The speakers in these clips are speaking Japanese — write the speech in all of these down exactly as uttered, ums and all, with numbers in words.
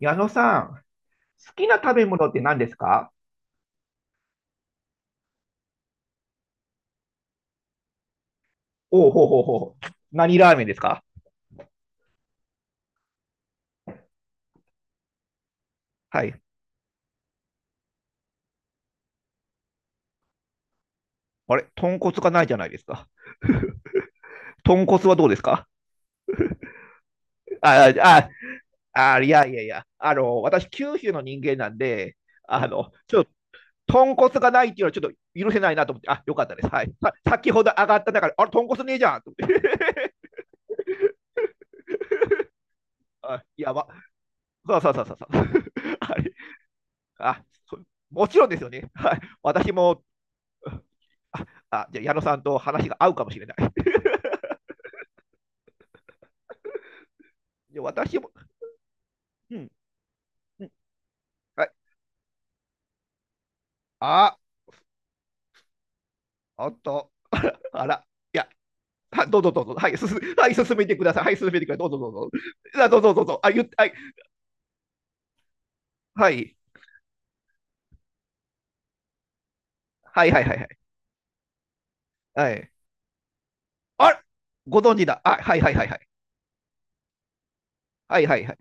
矢野さん、好きな食べ物って何ですか？おうほうほうほう。何ラーメンですか？はい。あれ豚骨がないじゃないですか。豚骨はどうですか？ああ、あ、あ、いやいやいや。あの、私、九州の人間なんで、あの、ちょっと、豚骨がないっていうのはちょっと許せないなと思って、あ、よかったです。はい。さ先ほど上がった中で、あれ、豚骨ねえじゃんと思って。あ、やば。そうそうそうそうそう。あれ、あ、そもちろんですよね。はい。私もああじゃあ矢野さんと話が合うかもしれない。で私も、うんうんはい、あ、おっと、あら、いや、はどうぞどうぞ、はい、進はい、進めてください、はい、進めてください、どうぞどうぞ、あどうぞどうぞ、あ言っはい、はい、はい、はい、はい、はい、あご存知だ、あはい、はい、はい、はい、はい、はい、はい、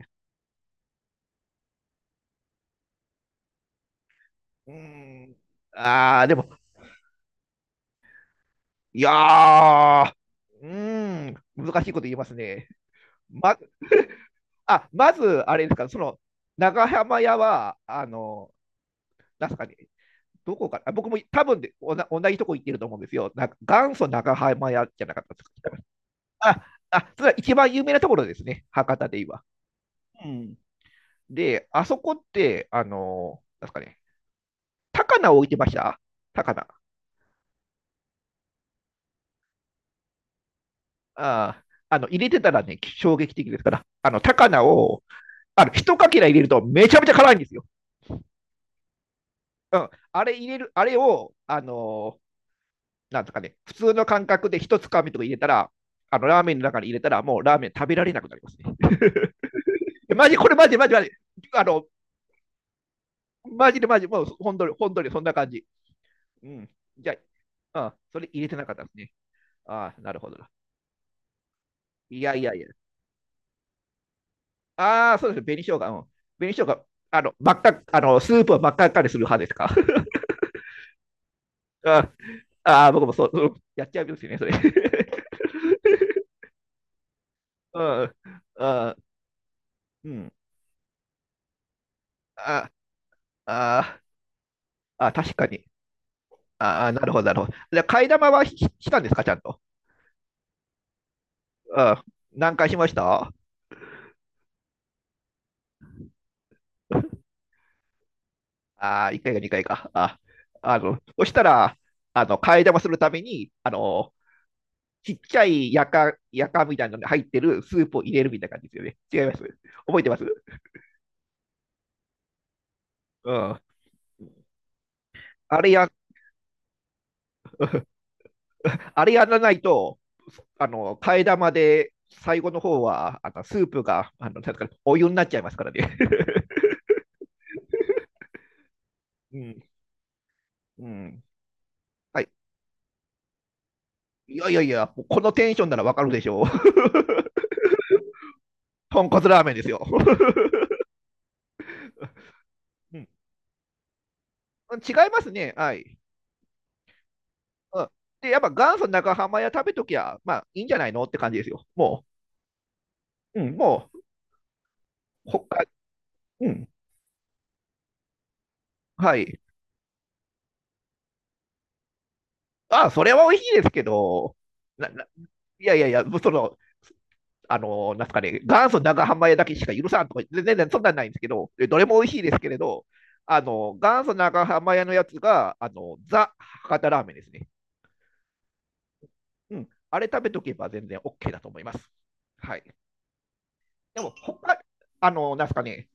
うーん、あー、でも、いやー、うーん、難しいこと言いますね。ま あまず、あれですか、その長浜屋は、あの、なんすかね、どこか、あ僕も多分でおな同じとこ行ってると思うんですよ。なんか元祖長浜屋じゃなかったですか。あ、あ、それは一番有名なところですね、博多でいうん。で、あそこって、あのなんですかね、高菜を置いてました？高菜。ああの、入れてたらね、衝撃的ですから、あの、高菜を、あの、一かけら入れるとめちゃめちゃ辛いんですよ。うん。あれ入れる、あれを、あのなんですかね、普通の感覚で一つかみとか入れたら、あの、ラーメンの中に入れたら、もうラーメン食べられなくなりますね。マジ、これマジ、マジ、マジ。あの、マジでマジ、もう本当に、本当にそんな感じ。うん。じゃあ、うん、それ入れてなかったですね。ああ、なるほどいやいやいや。ああ、そうですね。紅生姜。うん。紅生姜、あの、真っ赤、あの、スープを真っ赤っかにする派ですか？ああー、僕もそう、うんやっちゃうんですよね、それ。うん。あうん。ああー、あー確かに。ああ、なるほど、なるほど。じゃあ、替え玉はししたんですか、ちゃんと。うん。何回しました？ああ、いっかいかにかいかいか。あ、あの、そしたら、あの、替え玉するために、あの、ちっちゃいやか、やかみたいなのに入ってるスープを入れるみたいな感じですよね。違います？覚えてます？うん。あれや、あれやらないと、あの、替え玉で最後の方は、あの、スープが、あの、なんですかねお湯になっちゃいますからね。うん。うん。はい。いやいやいや、もうこのテンションならわかるでしょう。豚骨ラーメンですよ。うん、違いますね。はい。うん、で、やっぱ元祖長浜屋食べときゃ、まあいいんじゃないのって感じですよ。もう、うん、もう、他、うん、はい。ああ、それは美味しいですけど、な、な、いやいやいや、その、あの、なんすかね、元祖長浜屋だけしか許さんとか、全然そんなんないんですけど、でどれも美味しいですけれど、あの、元祖長浜屋のやつが、あの、ザ・博多ラーメンですね。うん。あれ食べとけば全然 OK だと思います。はい。でも、他、あの、なんすかね、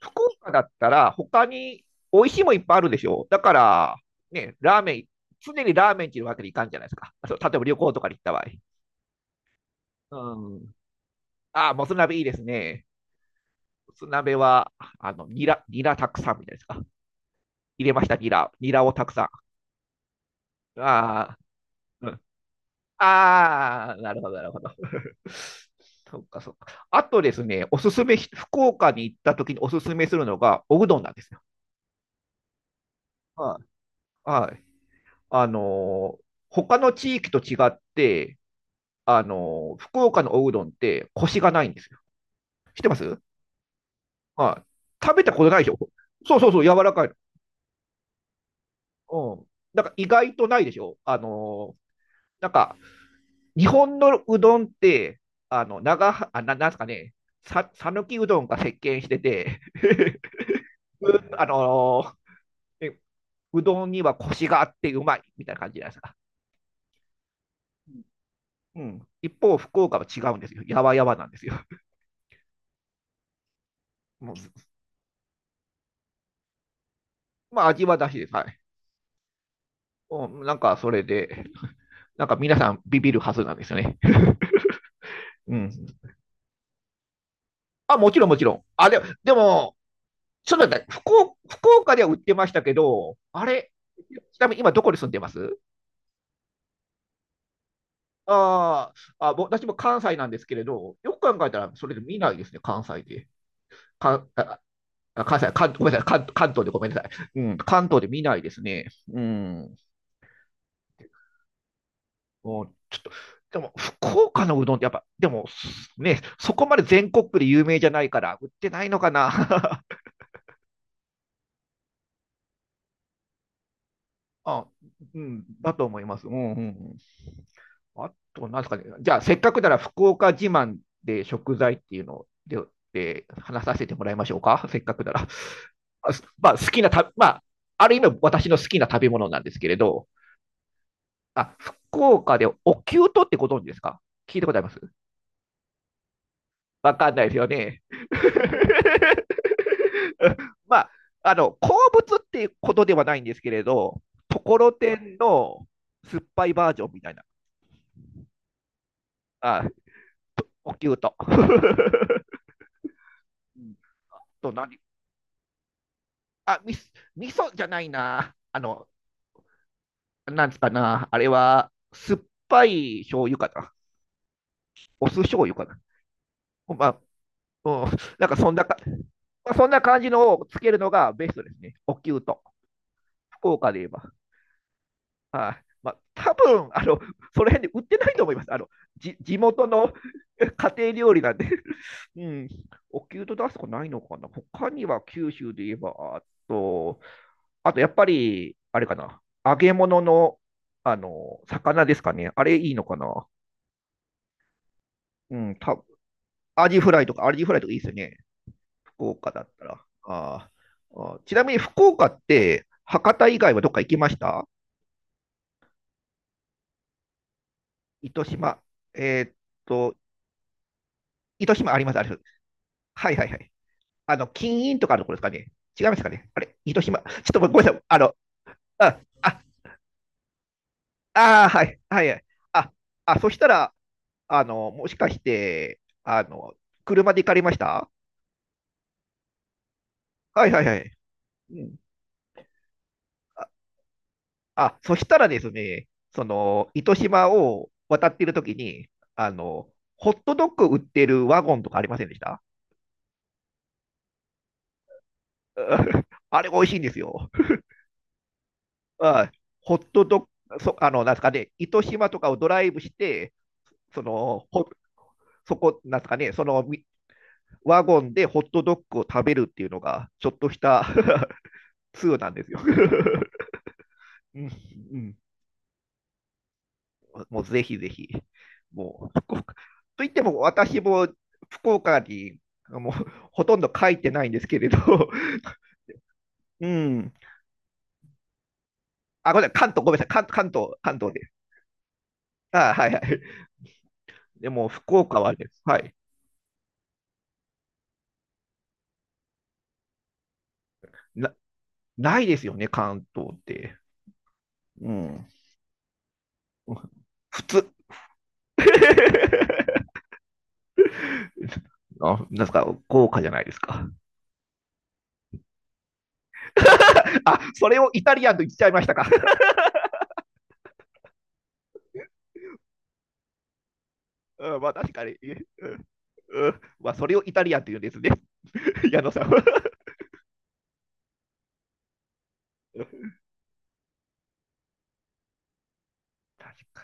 福岡だったら、他に美味しいもいっぱいあるでしょ。だから、ね、ラーメン、常にラーメンっていうわけにいかんじゃないですか。そう例えば旅行とかに行った場合。うん。ああ、もつ鍋いいですね。もつ鍋は、あの、ニラ、ニラたくさんみたいですか。入れました、ニラ。ニラをたくさん。ああ、うん。ああ、なるほど、なるほど。そっか、そっか。あとですね、おすすめ、福岡に行った時におすすめするのが、おうどんなんですよ。はい、はい。あの、他の地域と違って、あの、福岡のおうどんってコシがないんですよ。知ってます？はい。食べたことないでしょ？そうそうそう、柔らかいの。うん。なんか意外とないでしょあの、なんか、日本のうどんって、あの、長は、あ、ななんですかね、さ、さぬきうどんが席巻してて うあのえうどんにはコシがあってうまいみたいな感じじゃないですか。うん。一方、福岡は違うんですよ。やわやわなんですよ。もうまあ味はだしです。はい。うんなんかそれで、なんか皆さんビビるはずなんですよね。うん。あ、もちろんもちろん。あ、でも、でも、ちょっと待って福岡、福岡では売ってましたけど、あれ、ちなみに今どこに住んでます？あーあ、ぼ私も関西なんですけれど、よく考えたらそれで見ないですね、関西で。かああ関西関、ごめんなさい関、関東でごめんなさい。うん、関東で見ないですね。うん。もうちょっと、でも福岡のうどんってやっぱ、でもね、そこまで全国区で有名じゃないから、売ってないのかな。あ、うん、だと思います。うんうんうん。あと、なんですかね。じゃあ、せっかくなら福岡自慢で食材っていうのをで、で話させてもらいましょうか。せっかくなら。あまあ、好きなた、まあ、ある意味私の好きな食べ物なんですけれど、あ、福岡でおきゅうとってご存知ですか？聞いたことあります？わかんないですよね。まあ、あの、鉱物っていうことではないんですけれど、ところてんの酸っぱいバージョンみたいな、あ、おきゅうと。と何あ、み、味噌じゃないな。あの、なんつかな。あれは、酸っぱい醤油かな。お酢醤油かな。まあ、うん、なんかそんなか、そんな感じのをつけるのがベストですね。おきゅうと。福岡で言えば。はい、まあ、多分あのその辺で売ってないと思います。あのじ地元の 家庭料理なんで、うん、お給と出すとこないのかな。他には九州で言えば、あと、あとやっぱり、あれかな、揚げ物のあの魚ですかね。あれいいのかな。うん、たアジフライとか、アジフライとかいいですよね。福岡だったら。あーあーちなみに福岡って、博多以外はどっか行きました？糸島。えーっと、糸島あります、あれ。はいはいはい。あの、金印とかのところですかね。違いますかね。あれ、広島。ちょっとごめんなさい。あの、あ、あ、あー、はい、はいはい。あ、あ、そしたら、あの、もしかして、あの、車で行かれました？はいはいはい。うん。あ、あ、そしたらですね、その、糸島を渡っているときに、あの、ホットドッグ売ってるワゴンとかありませんでした？うん あれ美味しいんですよ。はい。ホットドッグ、そ、あの、なんですかね、糸島とかをドライブして、その、ホそこ、なんですかね、そのワゴンでホットドッグを食べるっていうのが、ちょっとした 通なんですよ。うんうんもうぜひぜひ、もう、福岡といっても私も福岡にもうほとんど書いてないんですけれど、うん、あ、ごめんなさい、関東、ごめんなさい、関関東、関東です。あ、はいはい。でも、福岡はです。はい。な、ないですよね、関東って。うん。普通。あ、なんですか、豪華じゃないですか。あ、それをイタリアンと言っちゃいましたか。うん、まあ確かに。うん、まあそれをイタリアンというんですね。矢野さんは。